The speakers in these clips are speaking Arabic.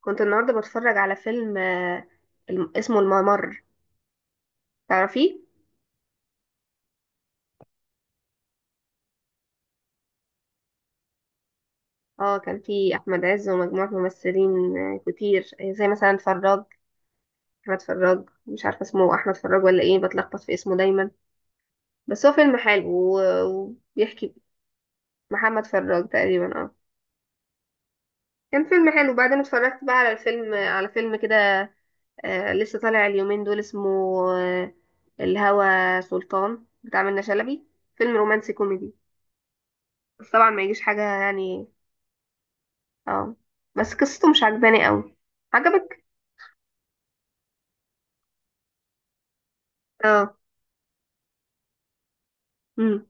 كنت النهارده بتفرج على فيلم اسمه الممر. تعرفيه؟ اه، كان فيه احمد عز ومجموعه ممثلين كتير، زي مثلا فراج. احمد فراج، مش عارفه اسمه احمد فراج ولا ايه، بتلخبط في اسمه دايما. بس هو فيلم حلو و- وبيحكي. محمد فراج تقريبا. اه، كان فيلم حلو. بعدين اتفرجت بقى على الفيلم، على فيلم كده لسه طالع اليومين دول، اسمه آه، الهوى سلطان، بتاع منة شلبي. فيلم رومانسي كوميدي، بس طبعا ما يجيش حاجه يعني. اه، بس قصته مش عجباني قوي. عجبك؟ اه. امم.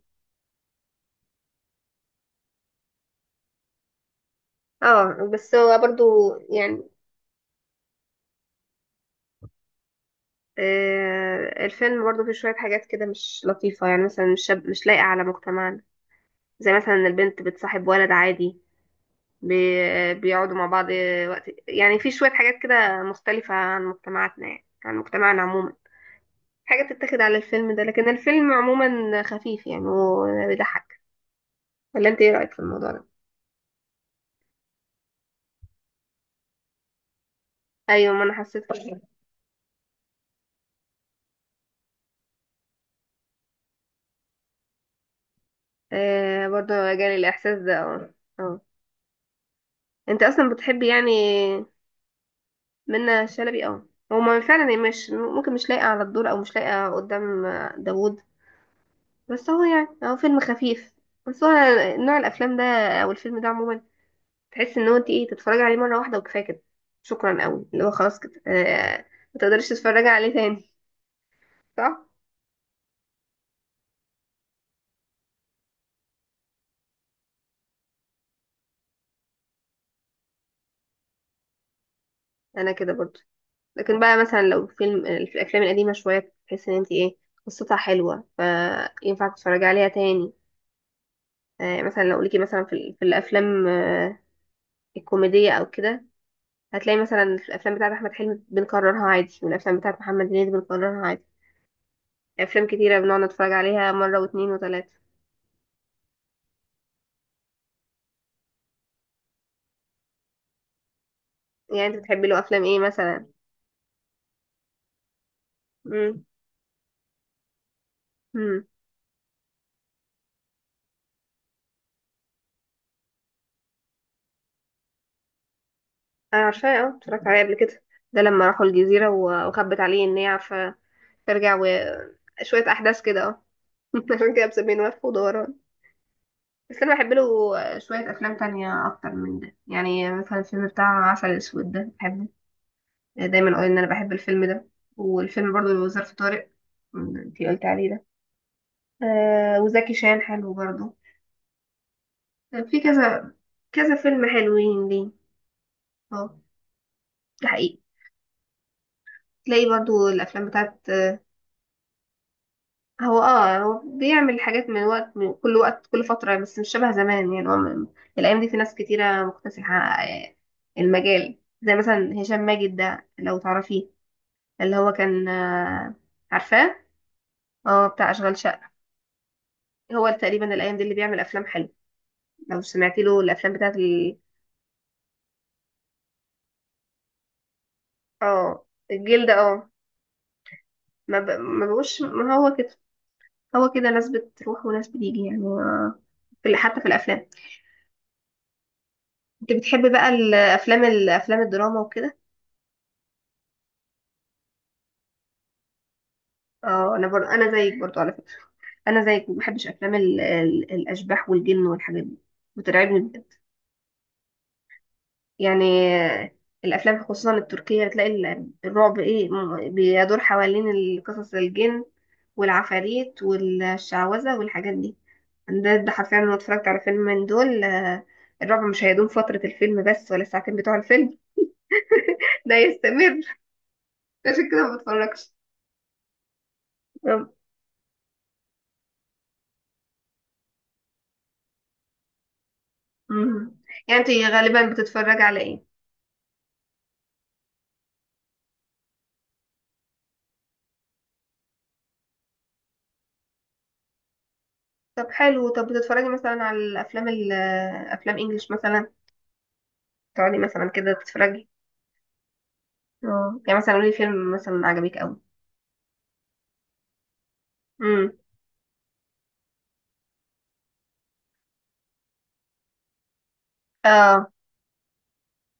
اه بس هو برضو يعني. آه، الفيلم برضو فيه شوية حاجات كده مش لطيفة، يعني مثلا مش شاب، مش لايقة على مجتمعنا. زي مثلا إن البنت بتصاحب ولد عادي، بي بيقعدوا مع بعض وقت. يعني في شوية حاجات كده مختلفة عن مجتمعاتنا، يعني عن مجتمعنا عموما. حاجة بتتاخد على الفيلم ده، لكن الفيلم عموما خفيف يعني وبيضحك. ولا انت ايه رأيك في الموضوع ده؟ ايوه، ما انا حسيت كده. آه برضه، جالي الإحساس ده، اه. اه، انت أصلا بتحبي يعني منة شلبي؟ اه، هو ما فعلا هي مش ممكن، مش لايقة على الدور، أو مش لايقة قدام داوود. بس هو يعني هو فيلم خفيف. بس هو نوع الأفلام ده أو الفيلم ده عموما، تحس إن هو انت ايه تتفرجي عليه مرة واحدة وكفاية كده. شكرا قوي، اللي هو خلاص كده آه، ما تقدريش تتفرجي عليه تاني. صح؟ أنا كده برضه. لكن بقى مثلا لو فيلم الأفلام القديمة شوية، تحس إن انت ايه، قصتها حلوة فينفع تتفرجي عليها تاني. مثلا لو ليكي مثلا في الافلام الكوميديه او كده، هتلاقي مثلا في الافلام بتاعت احمد حلمي بنكررها عادي، والافلام بتاعت محمد هنيدي بنكررها عادي. افلام كتيره بنقعد نتفرج عليها مره واتنين وتلاته. يعني انت بتحبي له افلام ايه مثلا؟ امم. امم. انا عارفاه، اه اتفرجت عليه قبل كده. ده لما راحوا الجزيره وخبت عليه ان هي عارفه ترجع، وشويه احداث كده اه. عشان كده مسمينه لف ودوران. بس انا بحب له شويه افلام تانية اكتر من ده. يعني مثلا الفيلم بتاع عسل اسود ده بحبه، يعني دايما اقول ان انا بحب الفيلم ده. والفيلم برضو اللي هو ظرف طارق، انتي قلت عليه ده. آه، وزكي شان حلو برضو. في كذا، كذا فيلم حلوين ليه. اه، ده حقيقي. تلاقي برضو الافلام بتاعت آه. هو اه، هو بيعمل حاجات من وقت، من كل وقت، كل فترة، بس مش شبه زمان. يعني هو الايام دي في ناس كتيرة مكتسحة آه، المجال، زي مثلا هشام ماجد ده لو تعرفيه، اللي هو كان عارفاه؟ اه، بتاع اشغال شقة. هو تقريبا الايام دي اللي بيعمل افلام حلوة. لو سمعتي له الافلام بتاعت ال... اه الجلد اه. ما بقوش، ما هو كده. هو كده، ناس بتروح وناس بتيجي. يعني في حتى في الافلام، انت بتحبي بقى الافلام، الافلام الدراما وكده؟ اه، انا برضه، انا زيك برضه على فكره. انا زيك، ما بحبش افلام ال... ال... الاشباح والجن والحاجات دي، بترعبني بجد يعني. آه، الافلام خصوصا التركيه، بتلاقي الرعب ايه، بيدور حوالين القصص، الجن والعفاريت والشعوذه والحاجات دي. ده ده حرفيا انا اتفرجت على فيلم من دول الرعب مش هيدوم فترة الفيلم بس، ولا الساعتين بتوع الفيلم، ده يستمر. عشان كده ما بتفرجش. طب مم. يعني انت غالبا بتتفرجي على ايه؟ طب حلو. طب بتتفرجي مثلا على الافلام ال- افلام انجليش مثلا؟ تقعدي مثلا كده تتفرجي؟ اه، يعني مثلا قولي فيلم مثلا عجبك قوي. امم. اه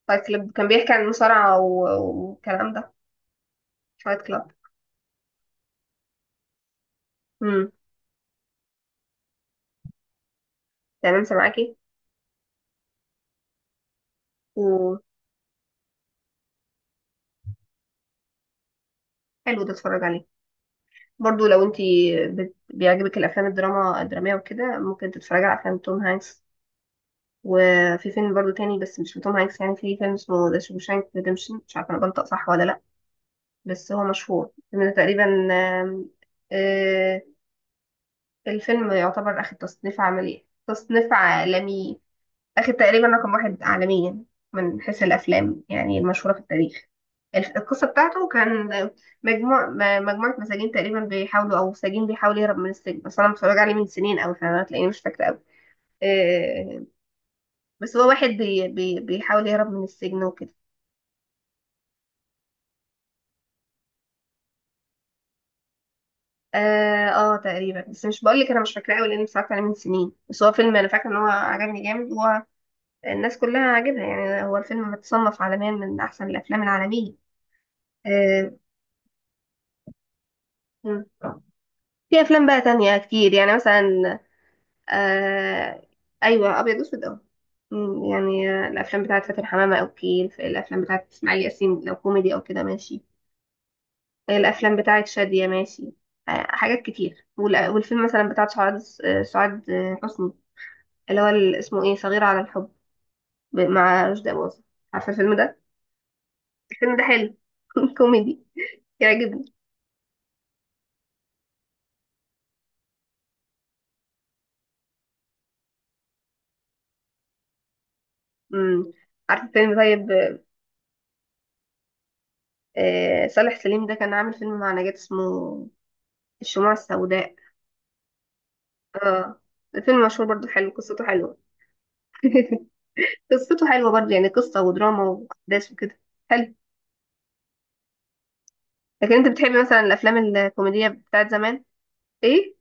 فايت كلاب كان بيحكي عن المصارعة والكلام ده. فايت كلاب. امم. تمام، سامعاكي. وحلو، ده اتفرج عليه. برضو لو انت بيعجبك الافلام الدراما الدراميه وكده، ممكن تتفرجي على افلام توم هانكس. وفي فيلم برضو تاني بس مش لتوم هانكس، يعني في فيلم اسمه ذا شوشانك ريديمشن، مش عارفه انا بنطق صح ولا لا، بس هو مشهور الفيلم ده تقريبا. آم، آه، الفيلم يعتبر اخد تصنيف عملي، تصنيف عالمي. أخد تقريبا رقم 1 عالميا من حيث الأفلام، يعني المشهورة في التاريخ. القصة بتاعته كان مجموعة مساجين تقريبا بيحاولوا، أو سجين بيحاول يهرب من السجن. بس أنا متفرج عليه من سنين أوي، فأنا هتلاقيني مش فاكرة أوي آه، بس هو واحد بي بي بيحاول يهرب من السجن وكده. اه، تقريبا. بس مش بقول لك انا مش فاكراه قوي، لاني اتفرجت عليه من سنين، بس هو فيلم انا فاكره ان هو عجبني جامد. هو الناس كلها عاجبها يعني، هو الفيلم متصنف عالميا من احسن الافلام العالميه. آه. مم. في افلام بقى تانية كتير يعني مثلا. آه ايوه، ابيض واسود اه. يعني الافلام بتاعت فاتن حمامة، او كيل الافلام بتاعت اسماعيل ياسين لو كوميدي او كده ماشي، الافلام بتاعت شادية ماشي. آه حاجات كتير. والفيلم مثلا بتاع سعاد سعاد حسني، اللي هو اسمه ايه، صغيرة على الحب، مع رشدي أباظة. عارفة الفيلم ده؟ الفيلم ده حلو، كوميدي، يعجبني. امم، عارفة الفيلم طيب. آه صالح سليم ده كان عامل فيلم مع نجاة، اسمه الشموع السوداء. اه، فيلم مشهور برضو حلو، قصته حلوة. قصته حلوة برضو، يعني قصة ودراما وأحداث وكده، حلو. لكن انت بتحبي مثلا الأفلام الكوميدية بتاعت زمان؟ ايه؟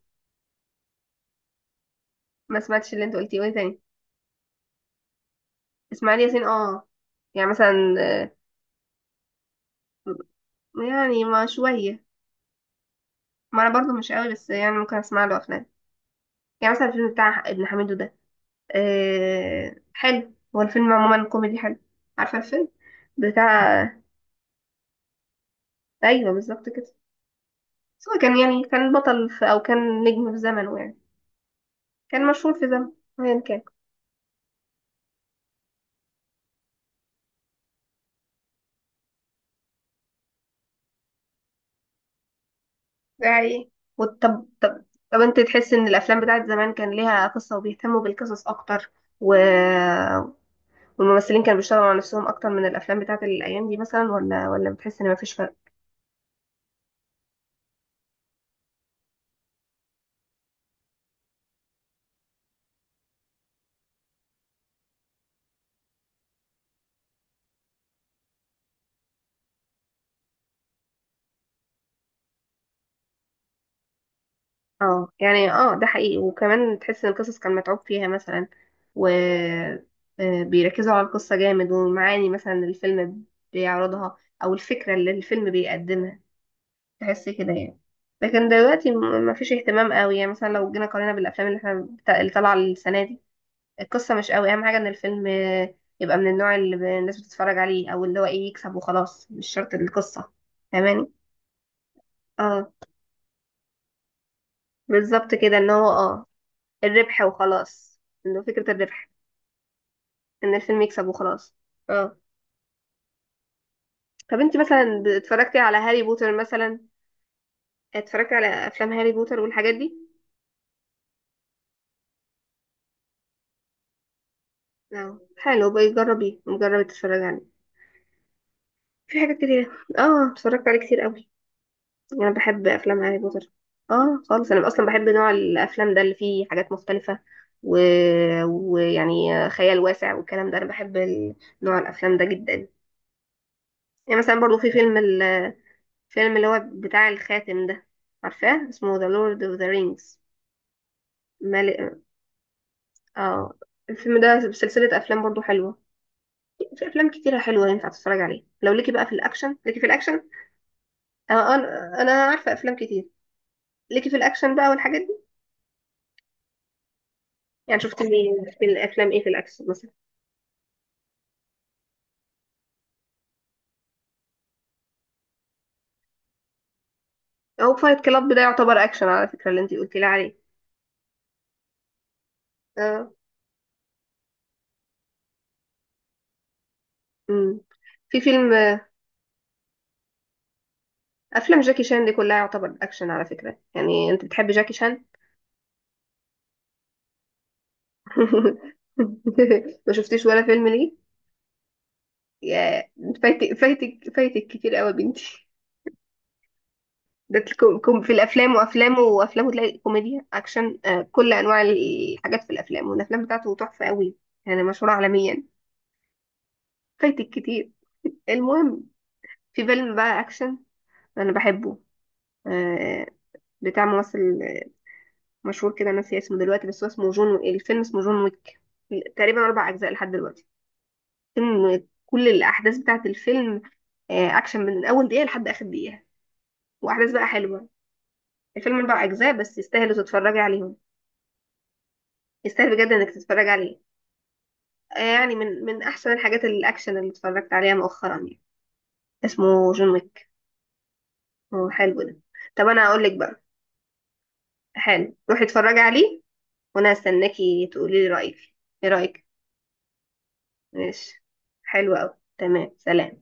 ما سمعتش اللي انت قلتيه، وايه تاني؟ اسماعيل ياسين اه. يعني مثلا يعني ما شوية، ما انا برضو مش قوي، بس يعني ممكن اسمع له افلام. يعني مثلا الفيلم بتاع ابن حميدو ده، آه حلو، هو الفيلم عموما كوميدي حلو. عارفة الفيلم بتاع؟ ايوه بالظبط كده. بس هو كان يعني كان بطل في، او كان نجم في زمنه يعني، كان مشهور في زمن، ايا كان. ده حقيقي. وطب طب، طب انت تحس ان الافلام بتاعت زمان كان ليها قصة وبيهتموا بالقصص اكتر، و... والممثلين كانوا بيشتغلوا على نفسهم اكتر من الافلام بتاعت الايام دي مثلا، ولا ولا بتحس ان مفيش فرق؟ اه يعني اه، ده حقيقي. وكمان تحس ان القصص كان متعوب فيها مثلا، و بيركزوا على القصة جامد، والمعاني مثلا اللي الفيلم بيعرضها، او الفكرة اللي الفيلم بيقدمها. تحسي كده يعني. لكن دلوقتي مفيش اهتمام قوي، يعني مثلا لو جينا قارنا بالافلام اللي احنا اللي طالعه السنه دي، القصه مش قوي اهم حاجه. ان الفيلم يبقى من النوع اللي الناس بتتفرج عليه، او اللي هو ايه يكسب وخلاص، مش شرط القصه. فاهماني؟ اه بالظبط كده، ان هو اه الربح وخلاص، انه فكره الربح، ان الفيلم يكسب وخلاص. اه. طب انت مثلا اتفرجتي على هاري بوتر مثلا؟ اتفرجتي على افلام هاري بوتر والحاجات دي؟ اه حلو بقى، جربي، جربي تتفرجي عليه، في حاجات كتير. اه اتفرجت عليه كتير قوي، يعني انا بحب افلام هاري بوتر. اه خالص، انا اصلا بحب نوع الافلام ده اللي فيه حاجات مختلفه، و... ويعني خيال واسع والكلام ده، انا بحب نوع الافلام ده جدا. يعني مثلا برضو في فيلم الفيلم اللي هو بتاع الخاتم ده، عارفاه؟ اسمه The Lord of the Rings. مال... اه الفيلم ده سلسله افلام برضو حلوه. في افلام كتيره حلوه ينفع تتفرج عليها، لو ليكي بقى في الاكشن، ليكي في الاكشن. انا انا عارفه افلام كتير. ليكي في الاكشن بقى والحاجات. يعني شفت مين في الافلام ايه في الاكشن مثلا؟ او فايت كلاب ده يعتبر اكشن على فكره، اللي انت قلتي لي عليه. اه. امم. في فيلم، افلام جاكي شان دي كلها يعتبر اكشن على فكره، يعني انت بتحبي جاكي شان؟ ما شفتيش ولا فيلم ليه، يا فايتك فايتك فايتك كتير قوي يا بنتي. ده في الافلام، وافلامه، وافلامه تلاقي كوميديا، اكشن، كل انواع الحاجات في الافلام، والافلام بتاعته تحفه قوي، يعني مشهوره عالميا. فايتك كتير. المهم، في فيلم بقى اكشن انا بحبه، آه، بتاع ممثل مشهور كده انا ناسيه اسمه دلوقتي، بس هو اسمه جون، الفيلم اسمه جون ويك. تقريبا 4 اجزاء لحد دلوقتي. فيلم كل الاحداث بتاعه الفيلم اكشن من اول دقيقه لحد اخر دقيقه، واحداث بقى حلوه. الفيلم 4 اجزاء بس يستاهلوا تتفرجي عليهم، يستاهل بجد انك تتفرج عليه. يعني من من احسن الحاجات الاكشن اللي اتفرجت عليها مؤخرا يعني. اسمه جون ويك. هو حلو ده. طب انا اقول لك بقى، حلو، روحي اتفرجي عليه وانا هستناكي تقولي لي رايك. ايه رايك؟ ماشي. حلو أوي، تمام، سلام.